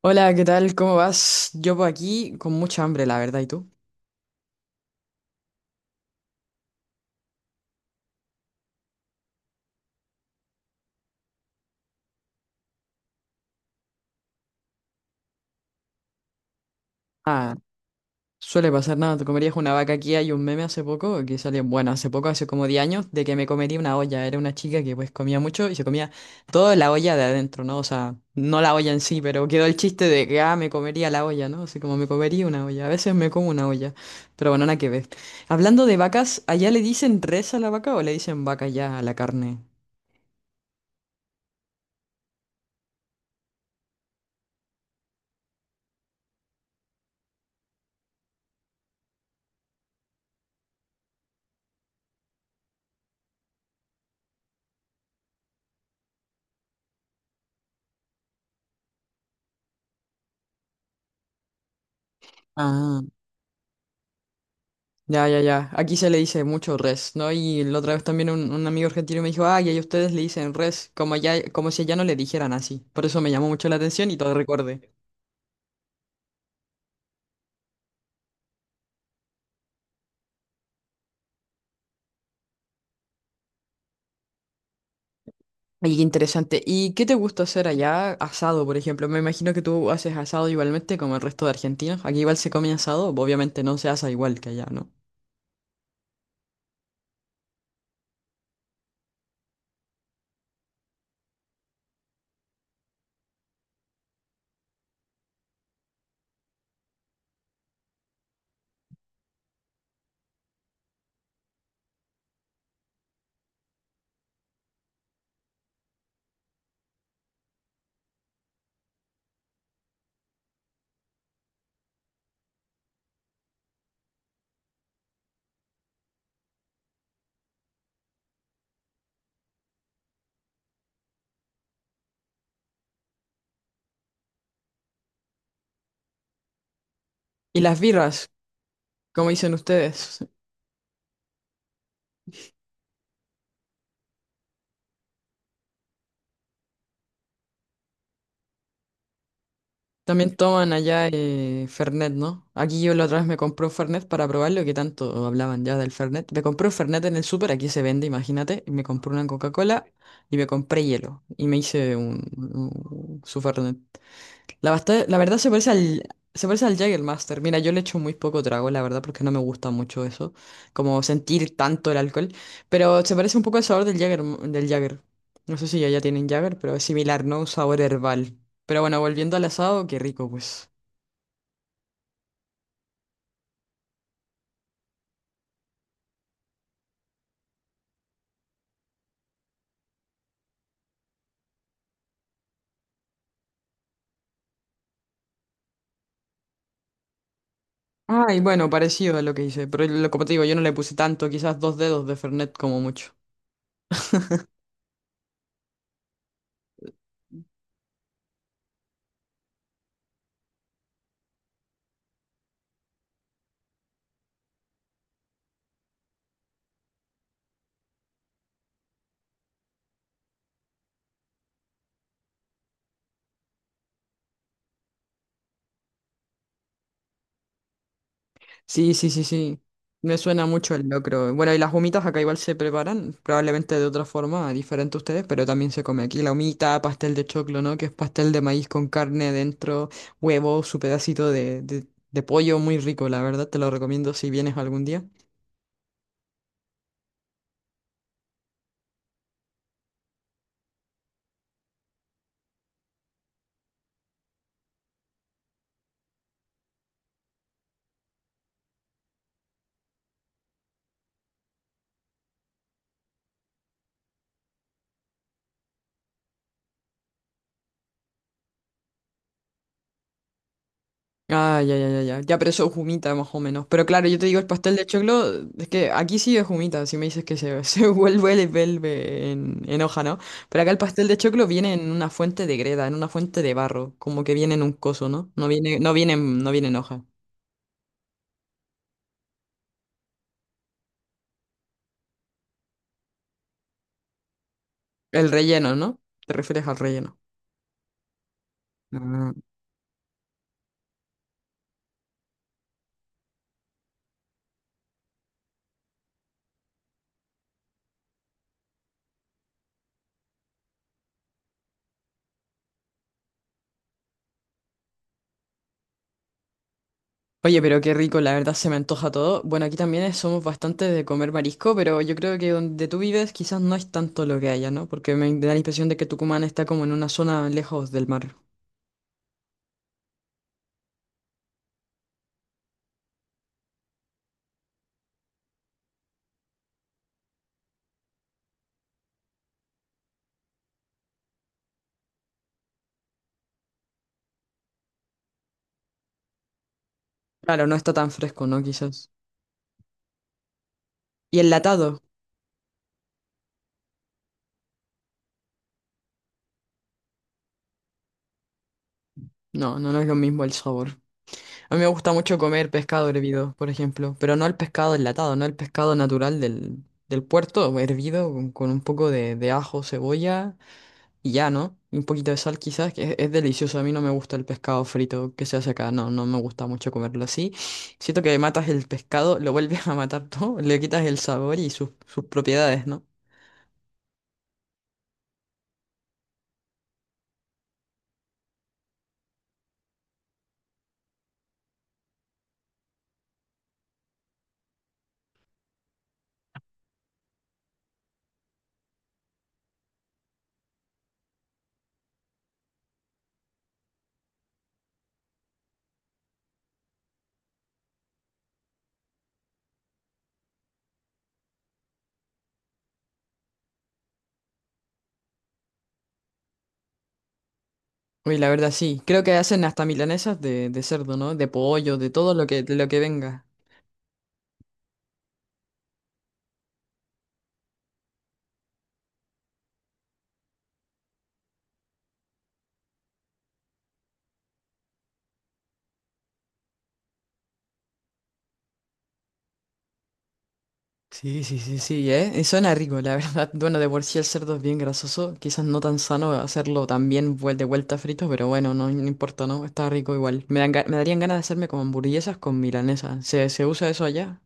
Hola, ¿qué tal? ¿Cómo vas? Yo por aquí con mucha hambre, la verdad, ¿y tú? Ah, suele pasar nada, te comerías una vaca aquí, hay un meme hace poco que salió, bueno, hace poco, hace como 10 años, de que me comería una olla, era una chica que pues comía mucho y se comía toda la olla de adentro, ¿no? O sea, no la olla en sí, pero quedó el chiste de que, ah, me comería la olla, ¿no? Así como me comería una olla, a veces me como una olla, pero bueno, nada que ver. Hablando de vacas, ¿allá le dicen res a la vaca o le dicen vaca ya a la carne? Ya, ya, ya. Aquí se le dice mucho res, ¿no? Y la otra vez también un amigo argentino me dijo, ay, ahí ustedes le dicen res, como ya, como si allá no le dijeran así. Por eso me llamó mucho la atención y todo recordé. Ay, qué interesante. ¿Y qué te gusta hacer allá? Asado, por ejemplo. Me imagino que tú haces asado igualmente como el resto de argentinos. Aquí igual se come asado, obviamente no se asa igual que allá, ¿no? ¿Y las birras? ¿Cómo dicen ustedes? También toman allá Fernet, ¿no? Aquí yo la otra vez me compré un Fernet para probarlo, que tanto hablaban ya del Fernet. Me compré un Fernet en el súper, aquí se vende, imagínate. Y me compré una Coca-Cola y me compré hielo. Y me hice su Fernet. La verdad se parece al Jägermeister. Mira, yo le echo muy poco trago, la verdad, porque no me gusta mucho eso, como sentir tanto el alcohol. Pero se parece un poco al sabor del Jäger, del Jäger. No sé si ya tienen Jäger, pero es similar, ¿no? Un sabor herbal. Pero bueno, volviendo al asado, qué rico, pues. Ay, bueno, parecido a lo que hice, pero como te digo, yo no le puse tanto, quizás dos dedos de Fernet como mucho. Sí, sí, sí, sí. Me suena mucho el locro. Bueno, y las humitas acá igual se preparan, probablemente de otra forma, diferente a ustedes, pero también se come aquí la humita, pastel de choclo, ¿no? Que es pastel de maíz con carne dentro, huevo, su pedacito de pollo, muy rico, la verdad, te lo recomiendo si vienes algún día. Ah, ya, ya, ya, ya. Ya, pero eso es humita más o menos. Pero claro, yo te digo, el pastel de choclo, es que aquí sí es humita, si me dices que se, se vuelve, le vuelve en hoja, ¿no? Pero acá el pastel de choclo viene en una fuente de greda, en una fuente de barro, como que viene en un coso, ¿no? No viene, no viene, no viene en hoja. El relleno, ¿no? Te refieres al relleno. Ah. Oye, pero qué rico, la verdad se me antoja todo. Bueno, aquí somos bastante de comer marisco, pero yo creo que donde tú vives quizás no es tanto lo que haya, ¿no? Porque me da la impresión de que Tucumán está como en una zona lejos del mar. Claro, no está tan fresco, ¿no? Quizás. ¿Y enlatado? No, no, no es lo mismo el sabor. A mí me gusta mucho comer pescado hervido, por ejemplo, pero no el pescado enlatado, no el pescado natural del, del puerto, hervido con un poco de ajo, cebolla y ya, ¿no? Y un poquito de sal quizás, que es delicioso. A mí no me gusta el pescado frito que se hace acá, no, no me gusta mucho comerlo así. Siento que matas el pescado, lo vuelves a matar todo, le quitas el sabor y sus, sus propiedades, ¿no? Uy, la verdad sí. Creo que hacen hasta milanesas de cerdo, ¿no? De pollo, de todo lo que, de lo que venga. Sí, sí, sí, sí, ¿eh? Y suena rico, la verdad. Bueno, de por sí el cerdo es bien grasoso. Quizás no tan sano hacerlo también de vuelta frito, pero bueno, no, no importa, ¿no? Está rico igual. Me dan me darían ganas de hacerme como hamburguesas con milanesa. ¿Se, se usa eso allá?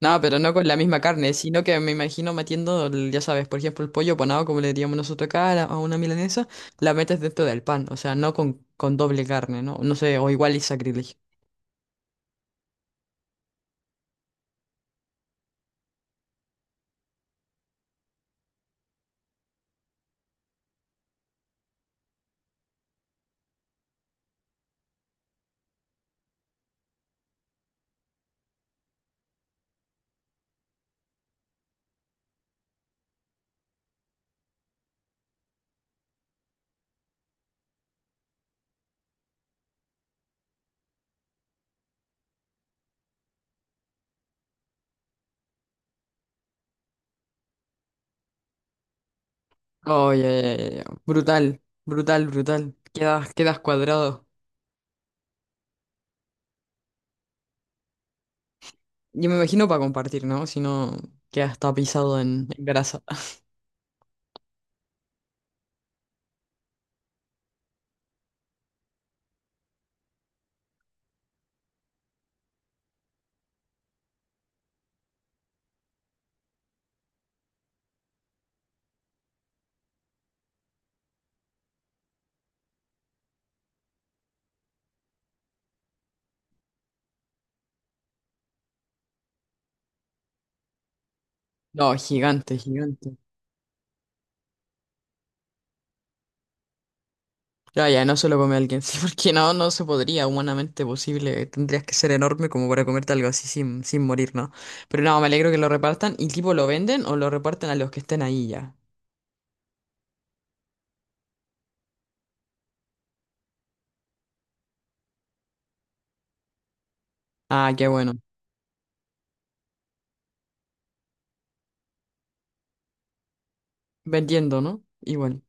No, pero no con la misma carne, sino que me imagino metiendo, ya sabes, por ejemplo, el pollo panado, como le diríamos nosotros acá, a a una milanesa, la metes dentro del pan, o sea, no con, con doble carne, ¿no? No sé, o igual es sacrilegio. Oye, brutal, brutal, brutal. Quedas, quedas cuadrado. Yo me imagino para compartir, ¿no? Si no, quedas tapizado en grasa. No, gigante, gigante. Ya, ya, no se lo come a alguien, sí, porque no, no se podría, humanamente posible. Tendrías que ser enorme como para comerte algo así sin, sin morir, ¿no? Pero no, me alegro que lo repartan. ¿Y tipo lo venden o lo reparten a los que estén ahí ya? Ah, qué bueno. Vendiendo, ¿no? Igual.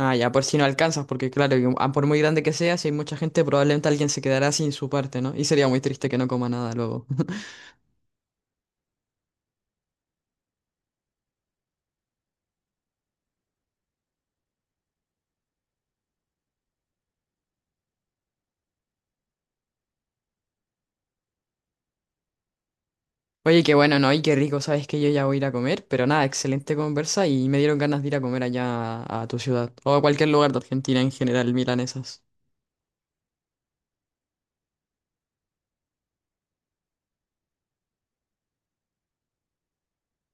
Ah, ya, por si no alcanzas, porque claro, ah, por muy grande que sea, si hay mucha gente, probablemente alguien se quedará sin su parte, ¿no? Y sería muy triste que no coma nada luego. Oye, qué bueno, ¿no? Y qué rico, sabes que yo ya voy a ir a comer, pero nada, excelente conversa y me dieron ganas de ir a comer allá a tu ciudad o a cualquier lugar de Argentina en general, milanesas.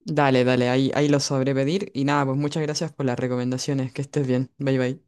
Dale, dale, ahí, ahí lo sabré pedir y nada, pues muchas gracias por las recomendaciones, que estés bien, bye bye.